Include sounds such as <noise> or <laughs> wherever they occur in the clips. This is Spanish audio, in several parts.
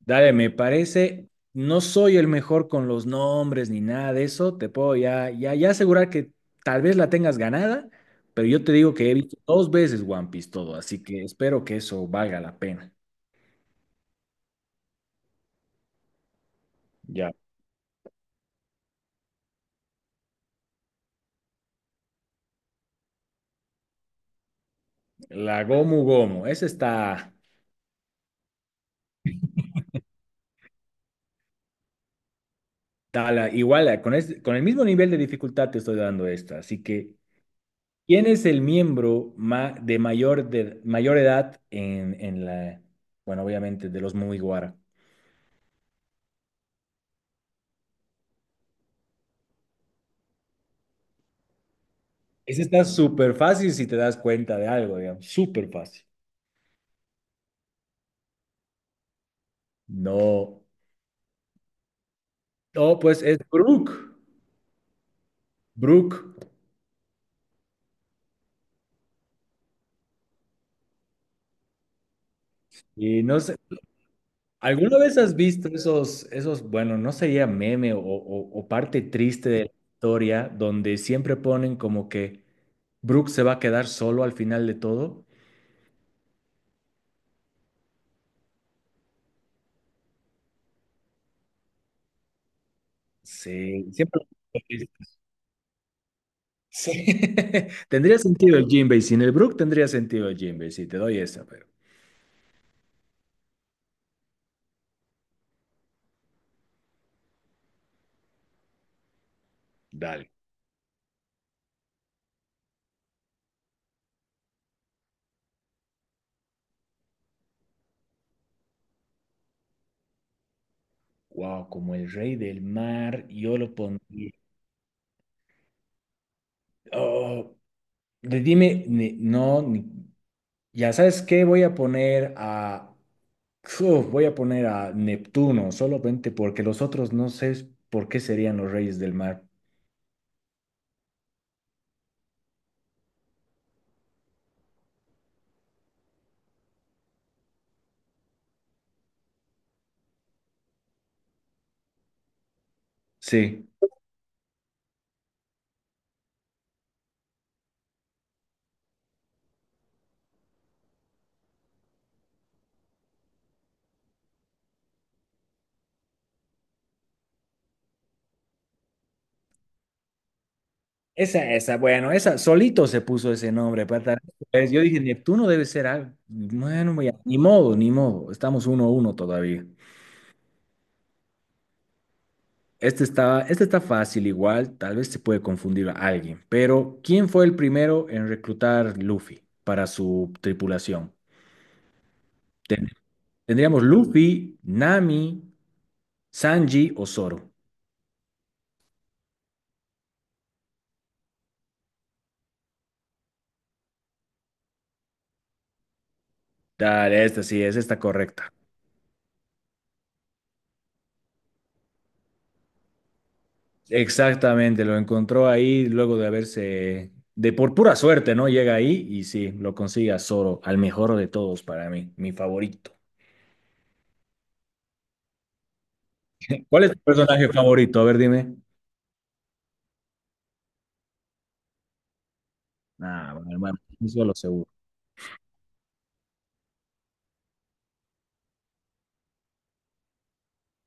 Dale, me parece, no soy el mejor con los nombres ni nada de eso, te puedo ya asegurar que tal vez la tengas ganada, pero yo te digo que he visto dos veces One Piece todo, así que espero que eso valga la pena. Ya, la Gomu Gomu, esa está, igual, con el mismo nivel de dificultad te estoy dando esta, así que ¿quién es de mayor edad en la, bueno, obviamente de los Mugiwara? Ese está súper fácil si te das cuenta de algo, digamos, súper fácil. No, no, pues es Brooke, Brooke. Y no sé, ¿alguna vez has visto esos, bueno, no sería meme o parte triste de la historia donde siempre ponen como que Brooke se va a quedar solo al final de todo? Sí, siempre. Sí. <laughs> Tendría sentido el Jinbei, sin el Brook tendría sentido el Jinbei, sí, te doy esa, pero dale. Wow, como el rey del mar, yo lo pondría. Oh, dime, ya sabes qué, voy a poner a, Uf, voy a poner a Neptuno, solamente porque los otros no sé por qué serían los reyes del mar. Sí, esa, bueno, esa, solito se puso ese nombre, pata. Pues yo dije, Neptuno debe ser algo. Bueno, ni modo, ni modo, estamos uno a uno todavía. Este está fácil igual, tal vez se puede confundir a alguien, pero ¿quién fue el primero en reclutar Luffy para su tripulación? Ten- Tendríamos Luffy, Nami, Sanji o Zoro. Dale, esta correcta. Exactamente, lo encontró ahí luego de haberse, de por pura suerte, ¿no? Llega ahí y sí, lo consigue a Zoro, al mejor de todos para mí, mi favorito. ¿Cuál es tu personaje favorito? A ver, dime. Ah, bueno, hermano, eso lo seguro.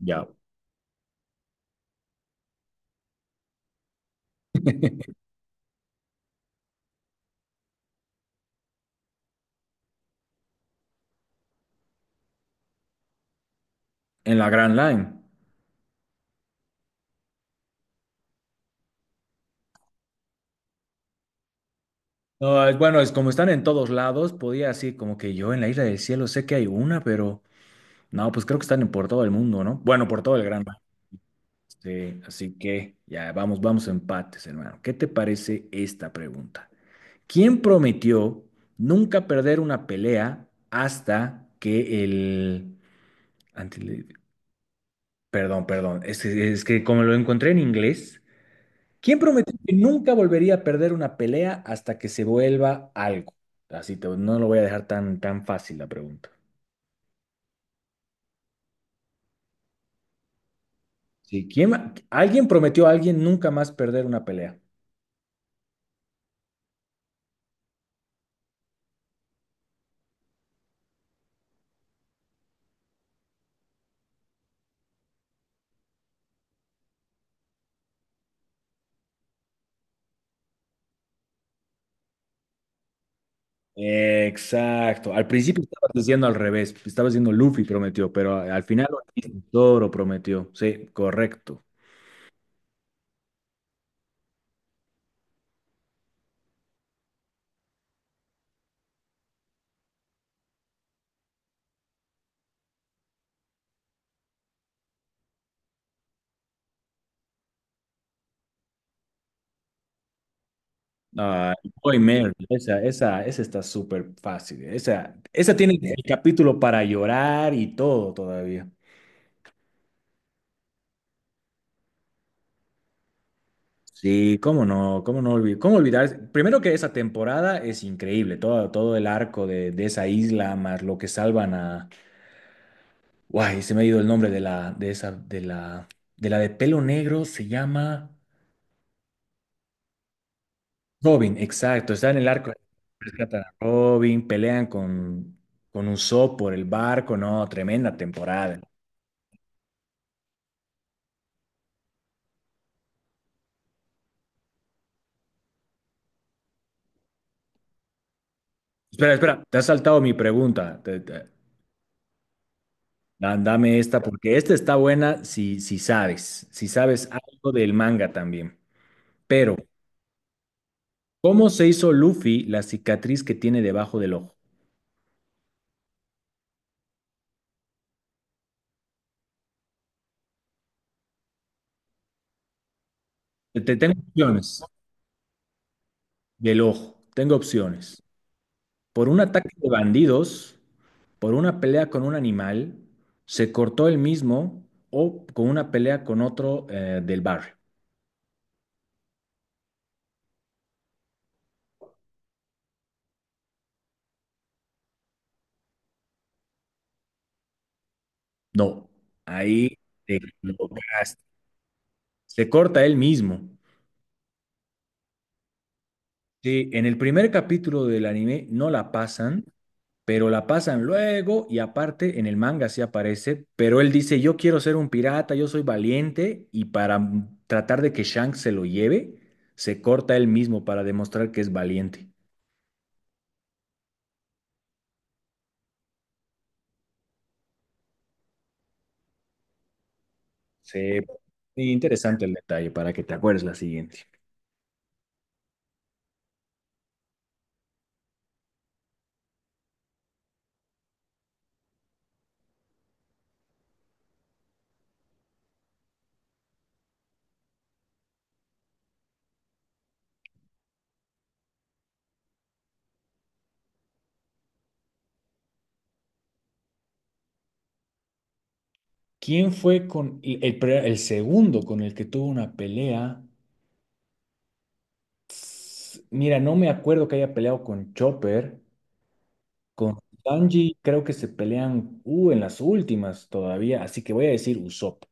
Ya. <laughs> En la Grand Line. No, bueno, es como están en todos lados, podía así como que yo en la Isla del Cielo sé que hay una, pero no, pues creo que por todo el mundo, ¿no? Bueno, por todo el Grand Line. Sí, así que ya vamos, vamos a empates, hermano. ¿Qué te parece esta pregunta? ¿Quién prometió nunca perder una pelea hasta que el... ante- Perdón, perdón, es que como lo encontré en inglés, ¿quién prometió que nunca volvería a perder una pelea hasta que se vuelva algo? Así te, no lo voy a dejar tan fácil la pregunta. Sí, alguien prometió a alguien nunca más perder una pelea. Exacto. Al principio estabas diciendo al revés. Estabas diciendo Luffy prometió, pero al final Zoro prometió. Sí, correcto. Ah, Boy Merry, esa está súper fácil. Esa tiene el capítulo para llorar y todo todavía. Sí, cómo no olvidar, cómo olvidar. Primero que esa temporada es increíble, todo, todo el arco de esa isla, más lo que salvan a. Guay, se me ha ido el nombre de la de pelo negro, se llama Robin, exacto. Está en el arco, rescatan a Robin, pelean con Usopp por el barco, no, tremenda temporada. Espera, espera, te has saltado mi pregunta. Dame esta, porque esta está buena si sabes, si sabes algo del manga también. Pero, ¿cómo se hizo Luffy la cicatriz que tiene debajo del ojo? Tengo opciones del ojo, tengo opciones. Por un ataque de bandidos, por una pelea con un animal, se cortó el mismo o con una pelea con otro del barrio. No, ahí te equivocaste. Se corta él mismo. Sí, en el primer capítulo del anime no la pasan pero la pasan luego y aparte en el manga sí aparece, pero él dice, yo quiero ser un pirata, yo soy valiente y para tratar de que Shanks se lo lleve, se corta él mismo para demostrar que es valiente. Se... Interesante el detalle para que te acuerdes la siguiente. ¿Quién fue el segundo con el que tuvo una pelea? Mira, no me acuerdo que haya peleado con Chopper. Con Sanji creo que se pelean en las últimas todavía, así que voy a decir Usopp.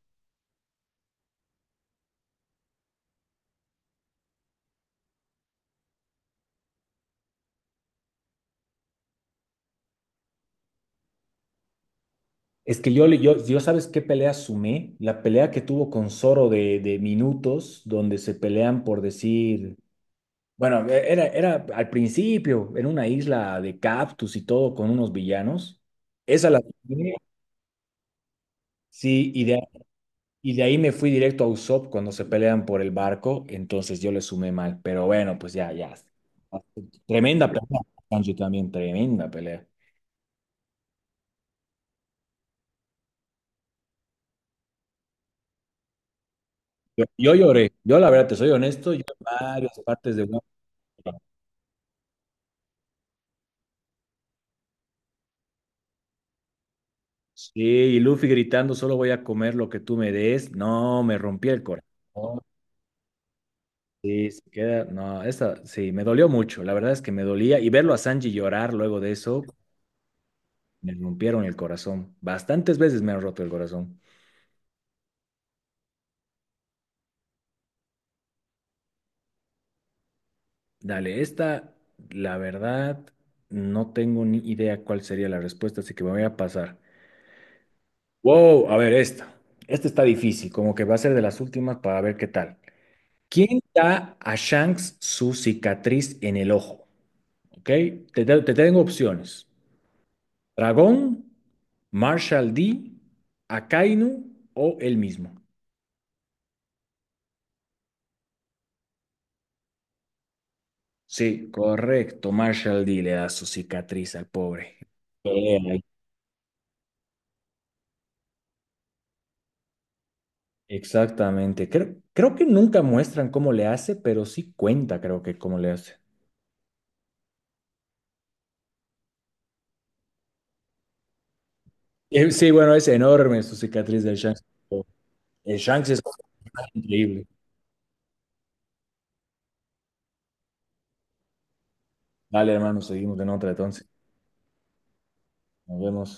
Es que yo, yo, ¿sabes qué pelea sumé? La pelea que tuvo con Zoro de minutos, donde se pelean por decir, bueno, era al principio, en una isla de cactus y todo, con unos villanos. Esa la sumé, sí, y de ahí me fui directo a Usopp cuando se pelean por el barco, entonces yo le sumé mal, pero bueno, pues ya, ya. Tremenda pelea, Sanji también, tremenda pelea. Yo lloré, yo la verdad, te soy honesto, yo en varias partes de... Sí, y Luffy gritando, solo voy a comer lo que tú me des. No, me rompí el corazón. Sí, se queda. No, esa sí, me dolió mucho. La verdad es que me dolía. Y verlo a Sanji llorar luego de eso, me rompieron el corazón. Bastantes veces me han roto el corazón. Dale, esta, la verdad, no tengo ni idea cuál sería la respuesta, así que me voy a pasar. Wow, a ver, esta. Esta está difícil, como que va a ser de las últimas para ver qué tal. ¿Quién da a Shanks su cicatriz en el ojo? ¿Ok? Te tengo opciones. Dragón, Marshall D, Akainu o el mismo. Sí, correcto. Marshall D le da su cicatriz al pobre. Pelea. Exactamente. Creo, creo que nunca muestran cómo le hace, pero sí cuenta, creo que cómo le hace. Sí, bueno, es enorme su cicatriz del Shanks. El Shanks es increíble. Vale, hermano, seguimos en otra entonces. Nos vemos.